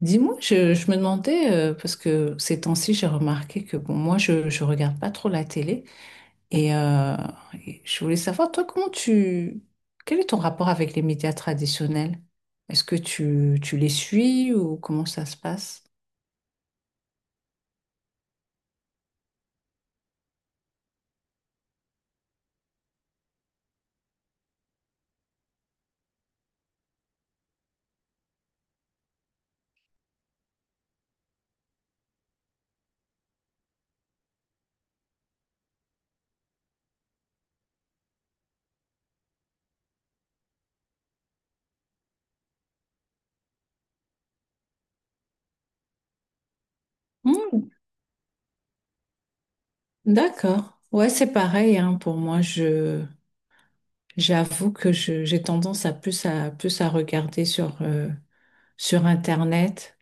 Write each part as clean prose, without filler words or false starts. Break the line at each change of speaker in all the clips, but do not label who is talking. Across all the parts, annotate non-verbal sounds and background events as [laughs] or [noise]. Dis-moi, je me demandais, parce que ces temps-ci, j'ai remarqué que bon, moi, je regarde pas trop la télé. Et, euh, et je voulais savoir, toi, comment tu... Quel est ton rapport avec les médias traditionnels? Est-ce que tu les suis ou comment ça se passe? Hmm, d'accord. Ouais, c'est pareil, hein, pour moi, je, j'avoue que je, j'ai tendance à plus à regarder sur Internet.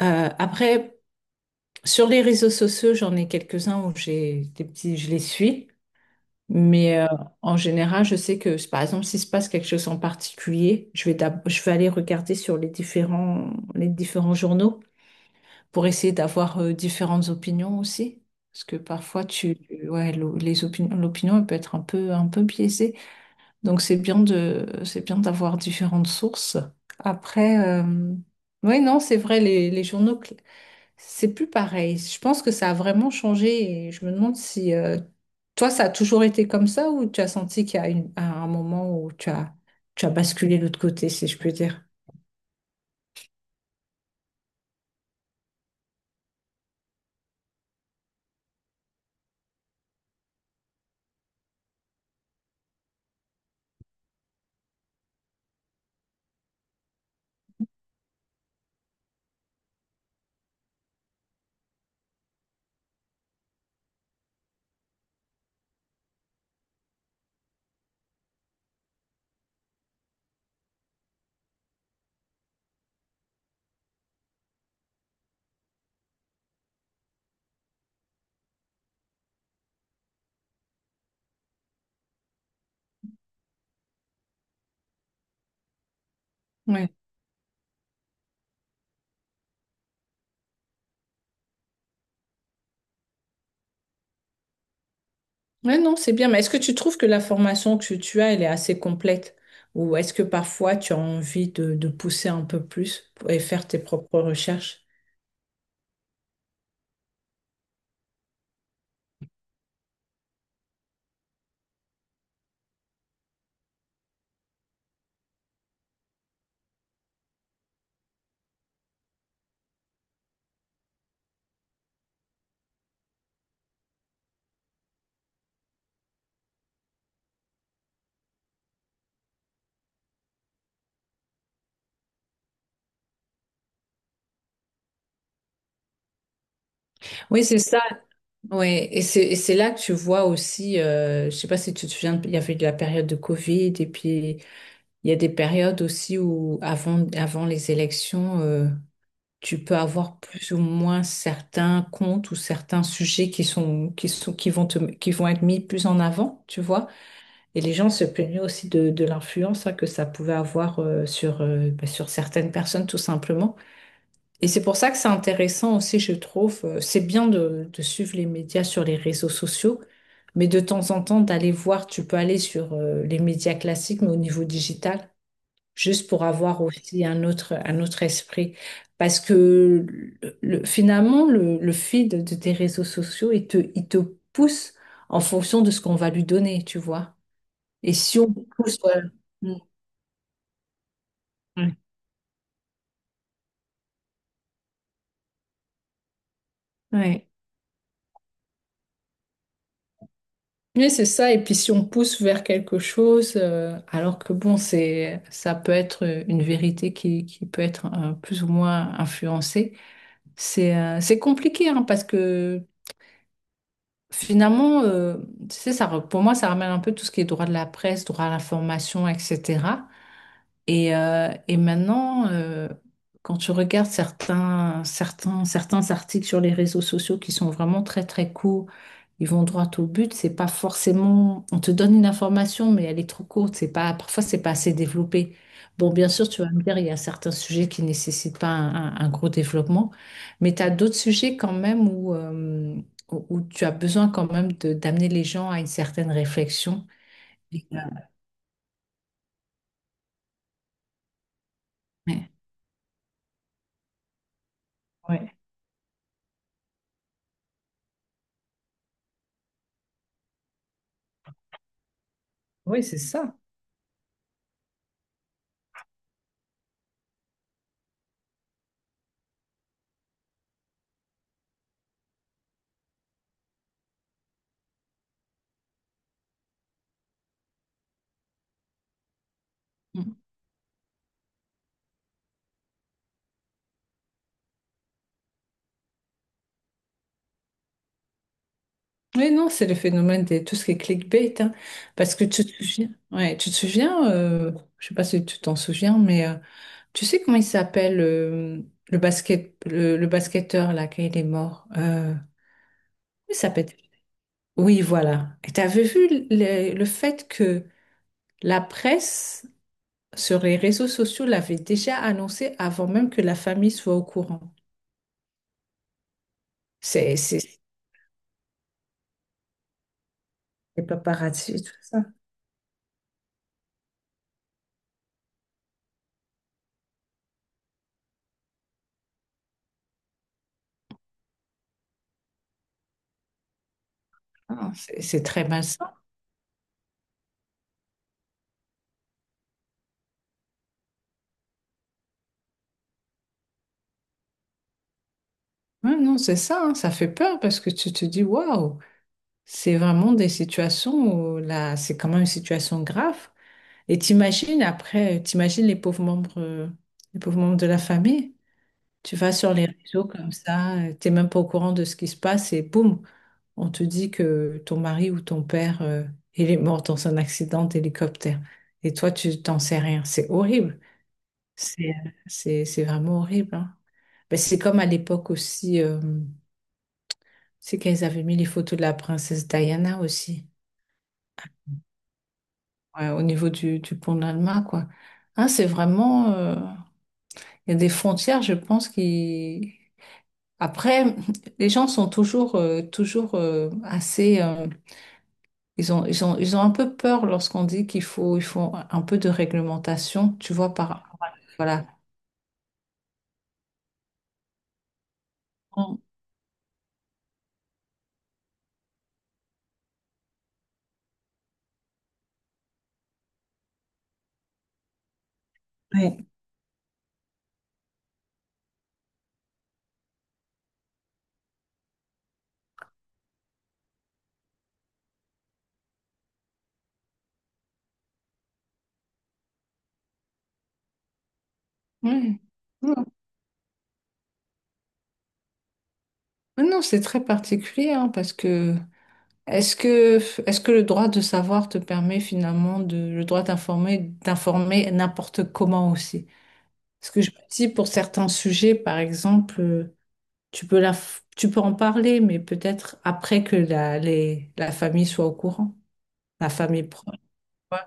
Après... Sur les réseaux sociaux, j'en ai quelques-uns où j'ai des petits, je les suis, mais en général, je sais que par exemple, s'il se passe quelque chose en particulier, je vais aller regarder sur les différents journaux pour essayer d'avoir différentes opinions aussi, parce que parfois ouais, les opinions l'opinion elle peut être un peu biaisée, donc c'est bien d'avoir différentes sources. Après, oui, non, c'est vrai, les journaux. C'est plus pareil. Je pense que ça a vraiment changé et je me demande si toi, ça a toujours été comme ça ou tu as senti qu'il y a à un moment où tu as basculé de l'autre côté, si je peux dire. Ouais. Ouais, non, c'est bien. Mais est-ce que tu trouves que la formation que tu as, elle est assez complète? Ou est-ce que parfois tu as envie de pousser un peu plus et faire tes propres recherches? Oui, c'est ça. Ouais, et c'est là que tu vois aussi, je sais pas si tu te souviens, il y avait de la période de Covid et puis il y a des périodes aussi où, avant les élections, tu peux avoir plus ou moins certains comptes ou certains sujets qui vont qui vont être mis plus en avant, tu vois. Et les gens se plaignaient aussi de l'influence, hein, que ça pouvait avoir, sur, bah, sur certaines personnes, tout simplement. Et c'est pour ça que c'est intéressant aussi, je trouve. C'est bien de suivre les médias sur les réseaux sociaux. Mais de temps en temps, d'aller voir, tu peux aller sur les médias classiques, mais au niveau digital juste pour avoir aussi un autre esprit. Parce que finalement, le feed de tes réseaux sociaux, il te pousse en fonction de ce qu'on va lui donner, tu vois. Et si on pousse... ouais. Mm. Ouais. Ouais. Mais c'est ça, et puis si on pousse vers quelque chose, alors que bon, c'est, ça peut être une vérité qui peut être plus ou moins influencée, c'est compliqué, hein, parce que finalement, tu sais, ça, pour moi, ça ramène un peu tout ce qui est droit de la presse, droit à l'information, etc. Et maintenant, quand tu regardes certains articles sur les réseaux sociaux qui sont vraiment très très courts, ils vont droit au but. C'est pas forcément, on te donne une information, mais elle est trop courte. C'est pas, parfois c'est pas assez développé. Bon, bien sûr, tu vas me dire, il y a certains sujets qui nécessitent pas un gros développement, mais tu as d'autres sujets quand même où, où tu as besoin quand même d'amener les gens à une certaine réflexion. Et, euh, ouais. Ouais. Oui, c'est ça. Oui, non, c'est le phénomène de tout ce qui est clickbait, hein. Parce que tu te souviens, ouais, tu te souviens, je sais pas si tu t'en souviens, mais tu sais comment il s'appelle le basket, le basketteur là, quand il est mort, comment il s'appelle. Oui, voilà. Et t'avais vu le fait que la presse sur les réseaux sociaux l'avait déjà annoncé avant même que la famille soit au courant. C'est, c'est, les paparazzi et tout ça. Ah, c'est très mal. Ouais, non, c'est ça, hein, ça fait peur parce que tu te dis, waouh, c'est vraiment des situations où là, c'est quand même une situation grave. Et t'imagines après, t'imagines les pauvres membres de la famille. Tu vas sur les réseaux comme ça, t'es même pas au courant de ce qui se passe et boum, on te dit que ton mari ou ton père, il est mort dans un accident d'hélicoptère. Et toi, tu t'en sais rien. C'est horrible. C'est vraiment horrible, hein. Ben, c'est comme à l'époque aussi. C'est qu'ils avaient mis les photos de la princesse Diana aussi, ouais, au niveau du pont de l'Alma, quoi. Hein, c'est vraiment... il y a des frontières, je pense, qui... Après, [laughs] les gens sont toujours assez... ils ont un peu peur lorsqu'on dit il faut un peu de réglementation, tu vois, par... Voilà. Ouais. Ouais. Non, mais non, c'est très particulier, hein, parce que... Est-ce que, est-ce que le droit de savoir te permet finalement le droit d'informer, d'informer n'importe comment aussi? Parce que je me dis pour certains sujets, par exemple, tu peux la, tu peux en parler, mais peut-être après que la famille soit au courant, la famille proche. Tu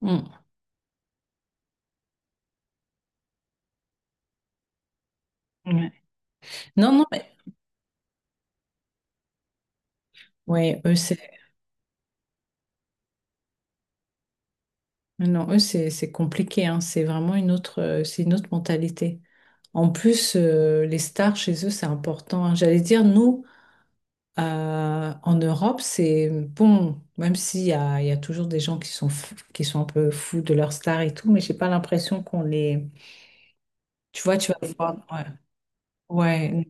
vois. Mm. Ouais. Non, non, mais ouais, non, eux, c'est compliqué, hein. C'est vraiment une autre, c'est une autre mentalité. En plus, les stars chez eux, c'est important, hein. J'allais dire, nous, en Europe, c'est bon, même s'il y a, il y a toujours des gens qui sont, qui sont un peu fous de leur star et tout, mais j'ai pas l'impression qu'on les. Tu vois, tu vas voir. Ouais, ouais,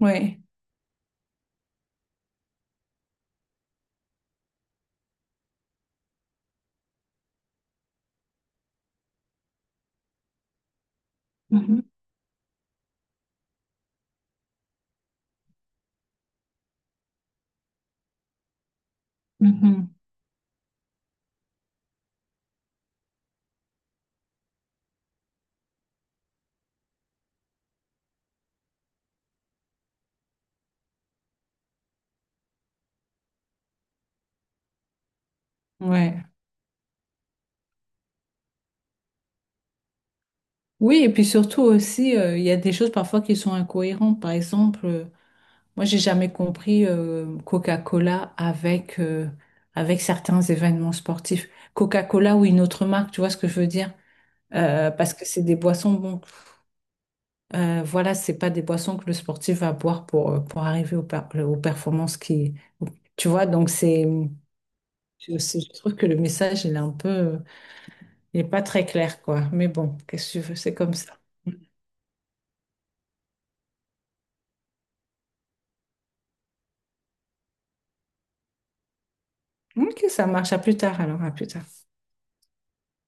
ouais. Mhm, mhm, ouais. Oui, et puis surtout aussi, il y a des choses parfois qui sont incohérentes. Par exemple, moi, j'ai jamais compris Coca-Cola avec, avec certains événements sportifs. Coca-Cola ou une autre marque, tu vois ce que je veux dire? Parce que c'est des boissons, bon, voilà, c'est pas des boissons que le sportif va boire pour arriver aux performances qui... Tu vois, donc c'est... je trouve que le message, il est un peu... Il est pas très clair, quoi. Mais bon, qu'est-ce que tu veux, c'est comme ça. Ok, ça marche. À plus tard, alors, à plus tard.